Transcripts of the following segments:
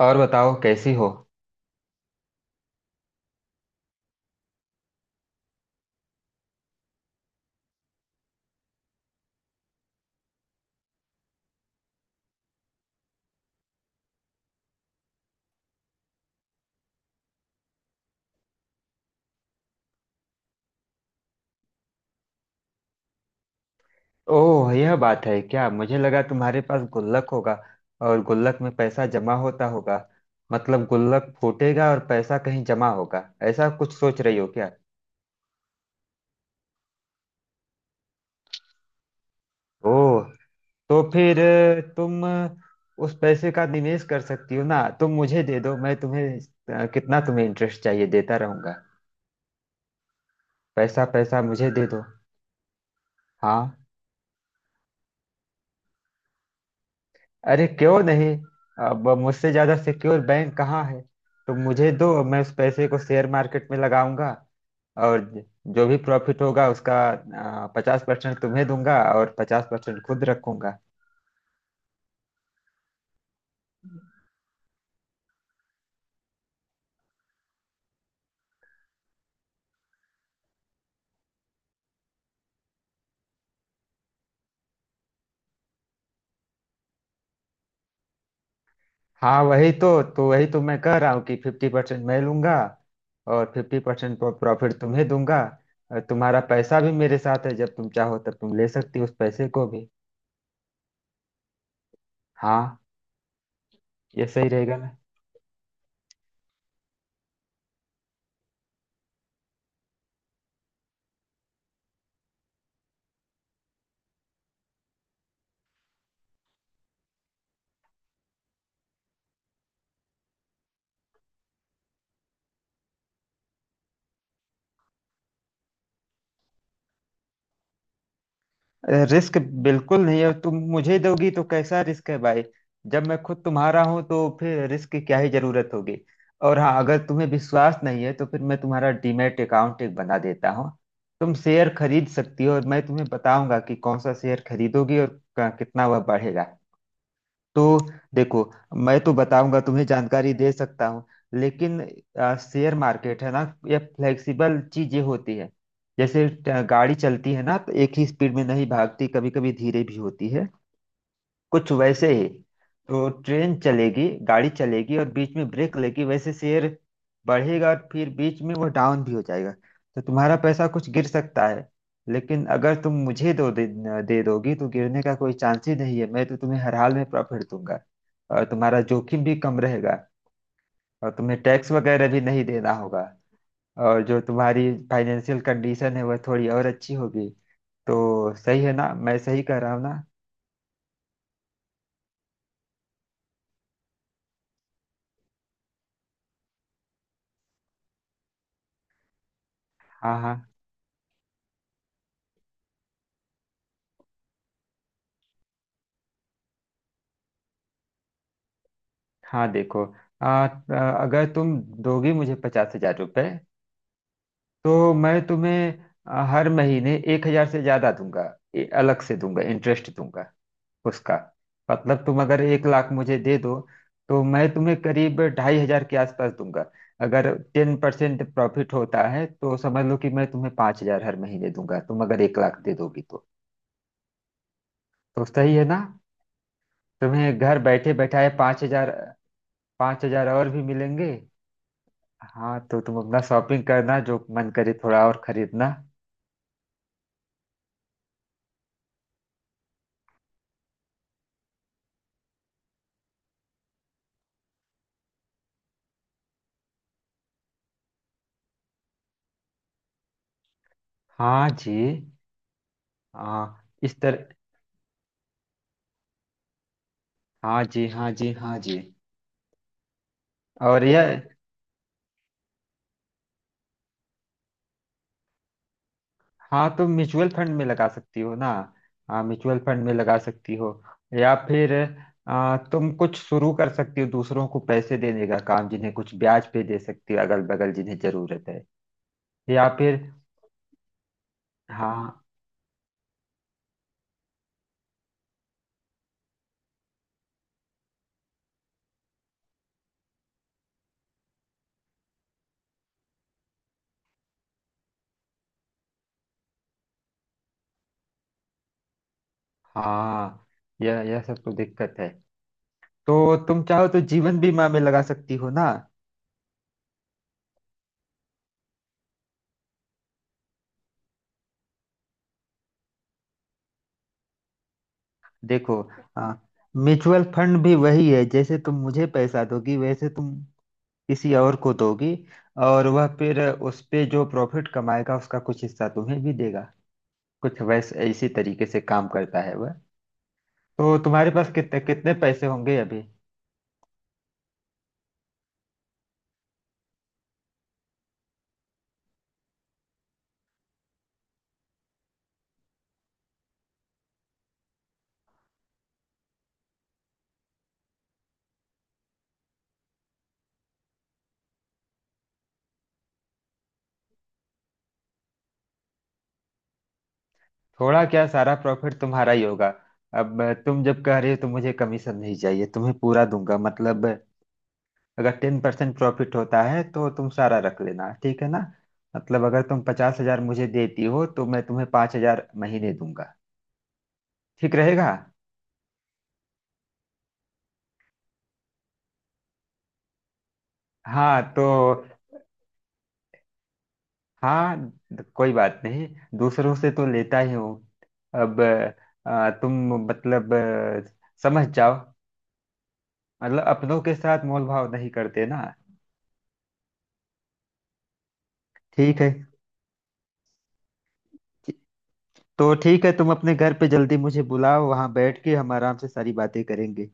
और बताओ कैसी हो। ओह, यह बात है क्या। मुझे लगा तुम्हारे पास गुल्लक होगा और गुल्लक में पैसा जमा होता होगा। मतलब गुल्लक फूटेगा और पैसा कहीं जमा होगा। ऐसा कुछ सोच रही हो क्या। ओह। तो फिर तुम उस पैसे का निवेश कर सकती हो ना, तुम मुझे दे दो। मैं तुम्हें कितना तुम्हें इंटरेस्ट चाहिए देता रहूंगा। पैसा पैसा मुझे दे दो। हाँ। अरे क्यों नहीं। अब मुझसे ज्यादा सिक्योर बैंक कहाँ है। तो मुझे दो, मैं उस पैसे को शेयर मार्केट में लगाऊंगा, और जो भी प्रॉफिट होगा उसका 50% तुम्हें दूंगा और 50% खुद रखूंगा। हाँ, वही तो मैं कह रहा हूँ कि 50% मैं लूंगा और 50% प्रॉफिट तुम्हें दूंगा। और तुम्हारा पैसा भी मेरे साथ है, जब तुम चाहो तब तुम ले सकती हो उस पैसे को भी। हाँ। ये सही रहेगा ना। रिस्क बिल्कुल नहीं है, तुम मुझे दोगी तो कैसा रिस्क है भाई। जब मैं खुद तुम्हारा हूं तो फिर रिस्क की क्या ही जरूरत होगी। और हाँ, अगर तुम्हें विश्वास नहीं है तो फिर मैं तुम्हारा डीमैट अकाउंट एक बना देता हूँ। तुम शेयर खरीद सकती हो और मैं तुम्हें बताऊंगा कि कौन सा शेयर खरीदोगी और कितना वह बढ़ेगा। तो देखो, मैं तो बताऊंगा, तुम्हें जानकारी दे सकता हूँ, लेकिन शेयर मार्केट है ना, ये फ्लेक्सिबल चीजें होती है। जैसे गाड़ी चलती है ना, तो एक ही स्पीड में नहीं भागती, कभी कभी धीरे भी होती है। कुछ वैसे ही। तो ट्रेन चलेगी, गाड़ी चलेगी और बीच में ब्रेक लेगी, वैसे शेयर बढ़ेगा और फिर बीच में वो डाउन भी हो जाएगा। तो तुम्हारा पैसा कुछ गिर सकता है, लेकिन अगर तुम मुझे दे दोगी तो गिरने का कोई चांस ही नहीं है। मैं तो तुम्हें हर हाल में प्रॉफिट दूंगा और तुम्हारा जोखिम भी कम रहेगा और तुम्हें टैक्स वगैरह भी नहीं देना होगा और जो तुम्हारी फाइनेंशियल कंडीशन है वह थोड़ी और अच्छी होगी। तो सही है ना, मैं सही कह रहा हूँ ना। हाँ हाँ हाँ। देखो आ, आ, अगर तुम दोगी मुझे 50,000 रुपये तो मैं तुम्हें हर महीने 1,000 से ज्यादा दूंगा। अलग से दूंगा, इंटरेस्ट दूंगा उसका। मतलब तुम अगर 1 लाख मुझे दे दो तो मैं तुम्हें करीब 2,500 के आसपास दूंगा। अगर 10% प्रॉफिट होता है तो समझ लो कि मैं तुम्हें 5,000 हर महीने दूंगा, तुम अगर एक लाख दे दोगी तो। तो सही है ना। तुम्हें घर बैठे बैठाए 5,000, 5,000 और भी मिलेंगे। हाँ, तो तुम अपना शॉपिंग करना, जो मन करे थोड़ा और खरीदना। हाँ जी। हाँ इस तरह। हाँ जी हाँ जी हाँ जी। और यह, हाँ तुम म्यूचुअल फंड में लगा सकती हो ना। हाँ म्यूचुअल फंड में लगा सकती हो, या फिर तुम कुछ शुरू कर सकती हो दूसरों को पैसे देने का काम, जिन्हें कुछ ब्याज पे दे सकती हो, अगल बगल जिन्हें जरूरत है। या फिर हाँ। हाँ, यह सब तो दिक्कत है। तो तुम चाहो तो जीवन बीमा में लगा सकती हो ना। देखो आ, म्यूचुअल फंड भी वही है, जैसे तुम मुझे पैसा दोगी वैसे तुम किसी और को दोगी, और वह फिर उस पे जो प्रॉफिट कमाएगा उसका कुछ हिस्सा तुम्हें भी देगा। कुछ वैसे इसी तरीके से काम करता है वह। तो तुम्हारे पास कितने कितने पैसे होंगे अभी। थोड़ा क्या, सारा प्रॉफिट तुम्हारा ही होगा। अब तुम जब कह रहे हो तो मुझे कमीशन नहीं चाहिए, तुम्हें पूरा दूंगा। मतलब अगर 10% प्रॉफिट होता है तो तुम सारा रख लेना, ठीक है ना। मतलब अगर तुम 50,000 मुझे देती हो तो मैं तुम्हें पांच हजार महीने दूंगा, ठीक रहेगा। हाँ तो। हाँ, कोई बात नहीं, दूसरों से तो लेता ही हूँ अब। तुम मतलब समझ जाओ, मतलब अपनों के साथ मोल भाव नहीं करते ना। ठीक है। तो ठीक है, तुम अपने घर पे जल्दी मुझे बुलाओ, वहां बैठ के हम आराम से सारी बातें करेंगे।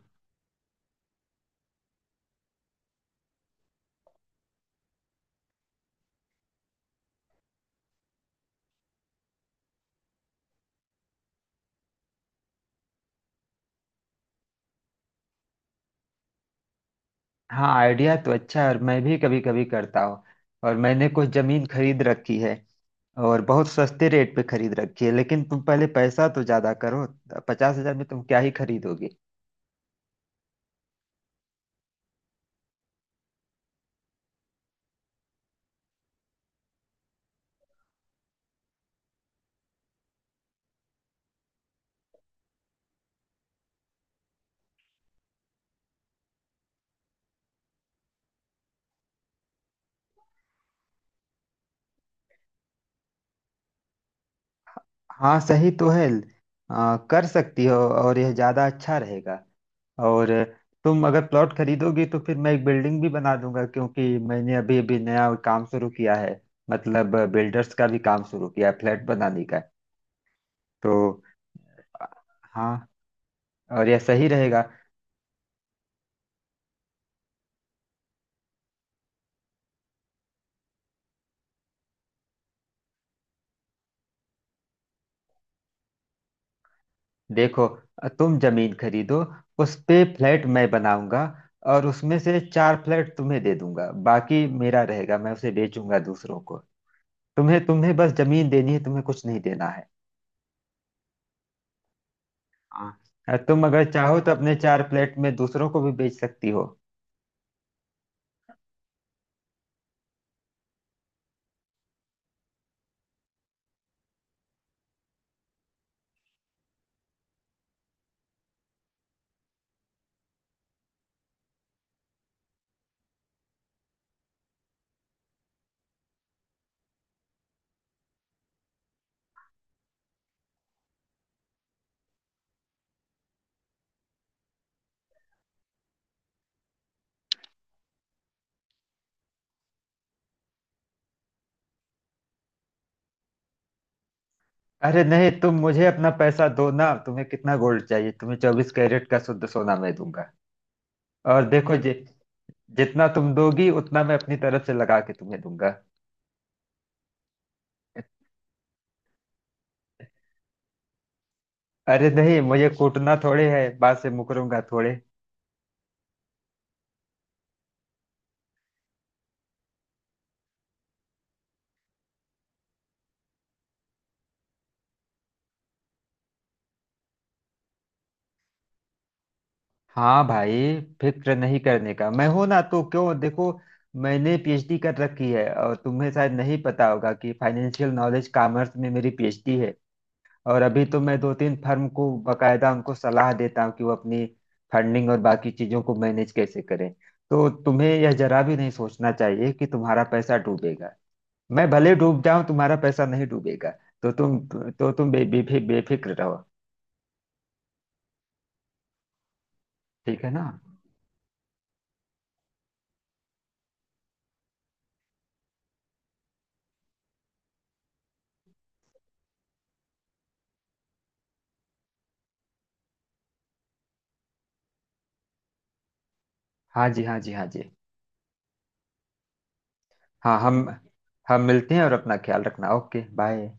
हाँ, आइडिया तो अच्छा है और मैं भी कभी कभी करता हूँ, और मैंने कुछ जमीन खरीद रखी है और बहुत सस्ते रेट पे खरीद रखी है, लेकिन तुम पहले पैसा तो ज्यादा करो। 50,000 में तुम क्या ही खरीदोगे। हाँ सही तो है, कर सकती हो और यह ज्यादा अच्छा रहेगा। और तुम अगर प्लॉट खरीदोगी तो फिर मैं एक बिल्डिंग भी बना दूंगा, क्योंकि मैंने अभी अभी नया काम शुरू किया है। मतलब बिल्डर्स का भी काम शुरू किया है, फ्लैट बनाने का। तो हाँ, और यह सही रहेगा। देखो, तुम जमीन खरीदो, उस पे फ्लैट मैं बनाऊंगा और उसमें से चार फ्लैट तुम्हें दे दूंगा, बाकी मेरा रहेगा, मैं उसे बेचूंगा दूसरों को। तुम्हें तुम्हें बस जमीन देनी है, तुम्हें कुछ नहीं देना है। हाँ, तुम अगर चाहो तो अपने चार फ्लैट में दूसरों को भी बेच सकती हो। अरे नहीं, तुम मुझे अपना पैसा दो ना, तुम्हें कितना गोल्ड चाहिए, तुम्हें 24 कैरेट का शुद्ध सोना मैं दूंगा। और देखो जितना तुम दोगी उतना मैं अपनी तरफ से लगा के तुम्हें दूंगा। अरे नहीं, मुझे कूटना थोड़े है, बात से मुकरूंगा थोड़े। हाँ भाई, फिक्र नहीं करने का, मैं हूं ना, तो क्यों। देखो मैंने पीएचडी कर रखी है और तुम्हें शायद नहीं पता होगा कि फाइनेंशियल नॉलेज कॉमर्स में मेरी पीएचडी है। और अभी तो मैं दो तीन फर्म को बकायदा उनको सलाह देता हूँ कि वो अपनी फंडिंग और बाकी चीजों को मैनेज कैसे करें। तो तुम्हें यह जरा भी नहीं सोचना चाहिए कि तुम्हारा पैसा डूबेगा, मैं भले डूब जाऊं तुम्हारा पैसा नहीं डूबेगा। तो तुम तो तुम बेफिक्र रहो। ठीक है ना। हाँ जी हाँ जी हाँ जी। हाँ हम मिलते हैं और अपना ख्याल रखना, ओके बाय।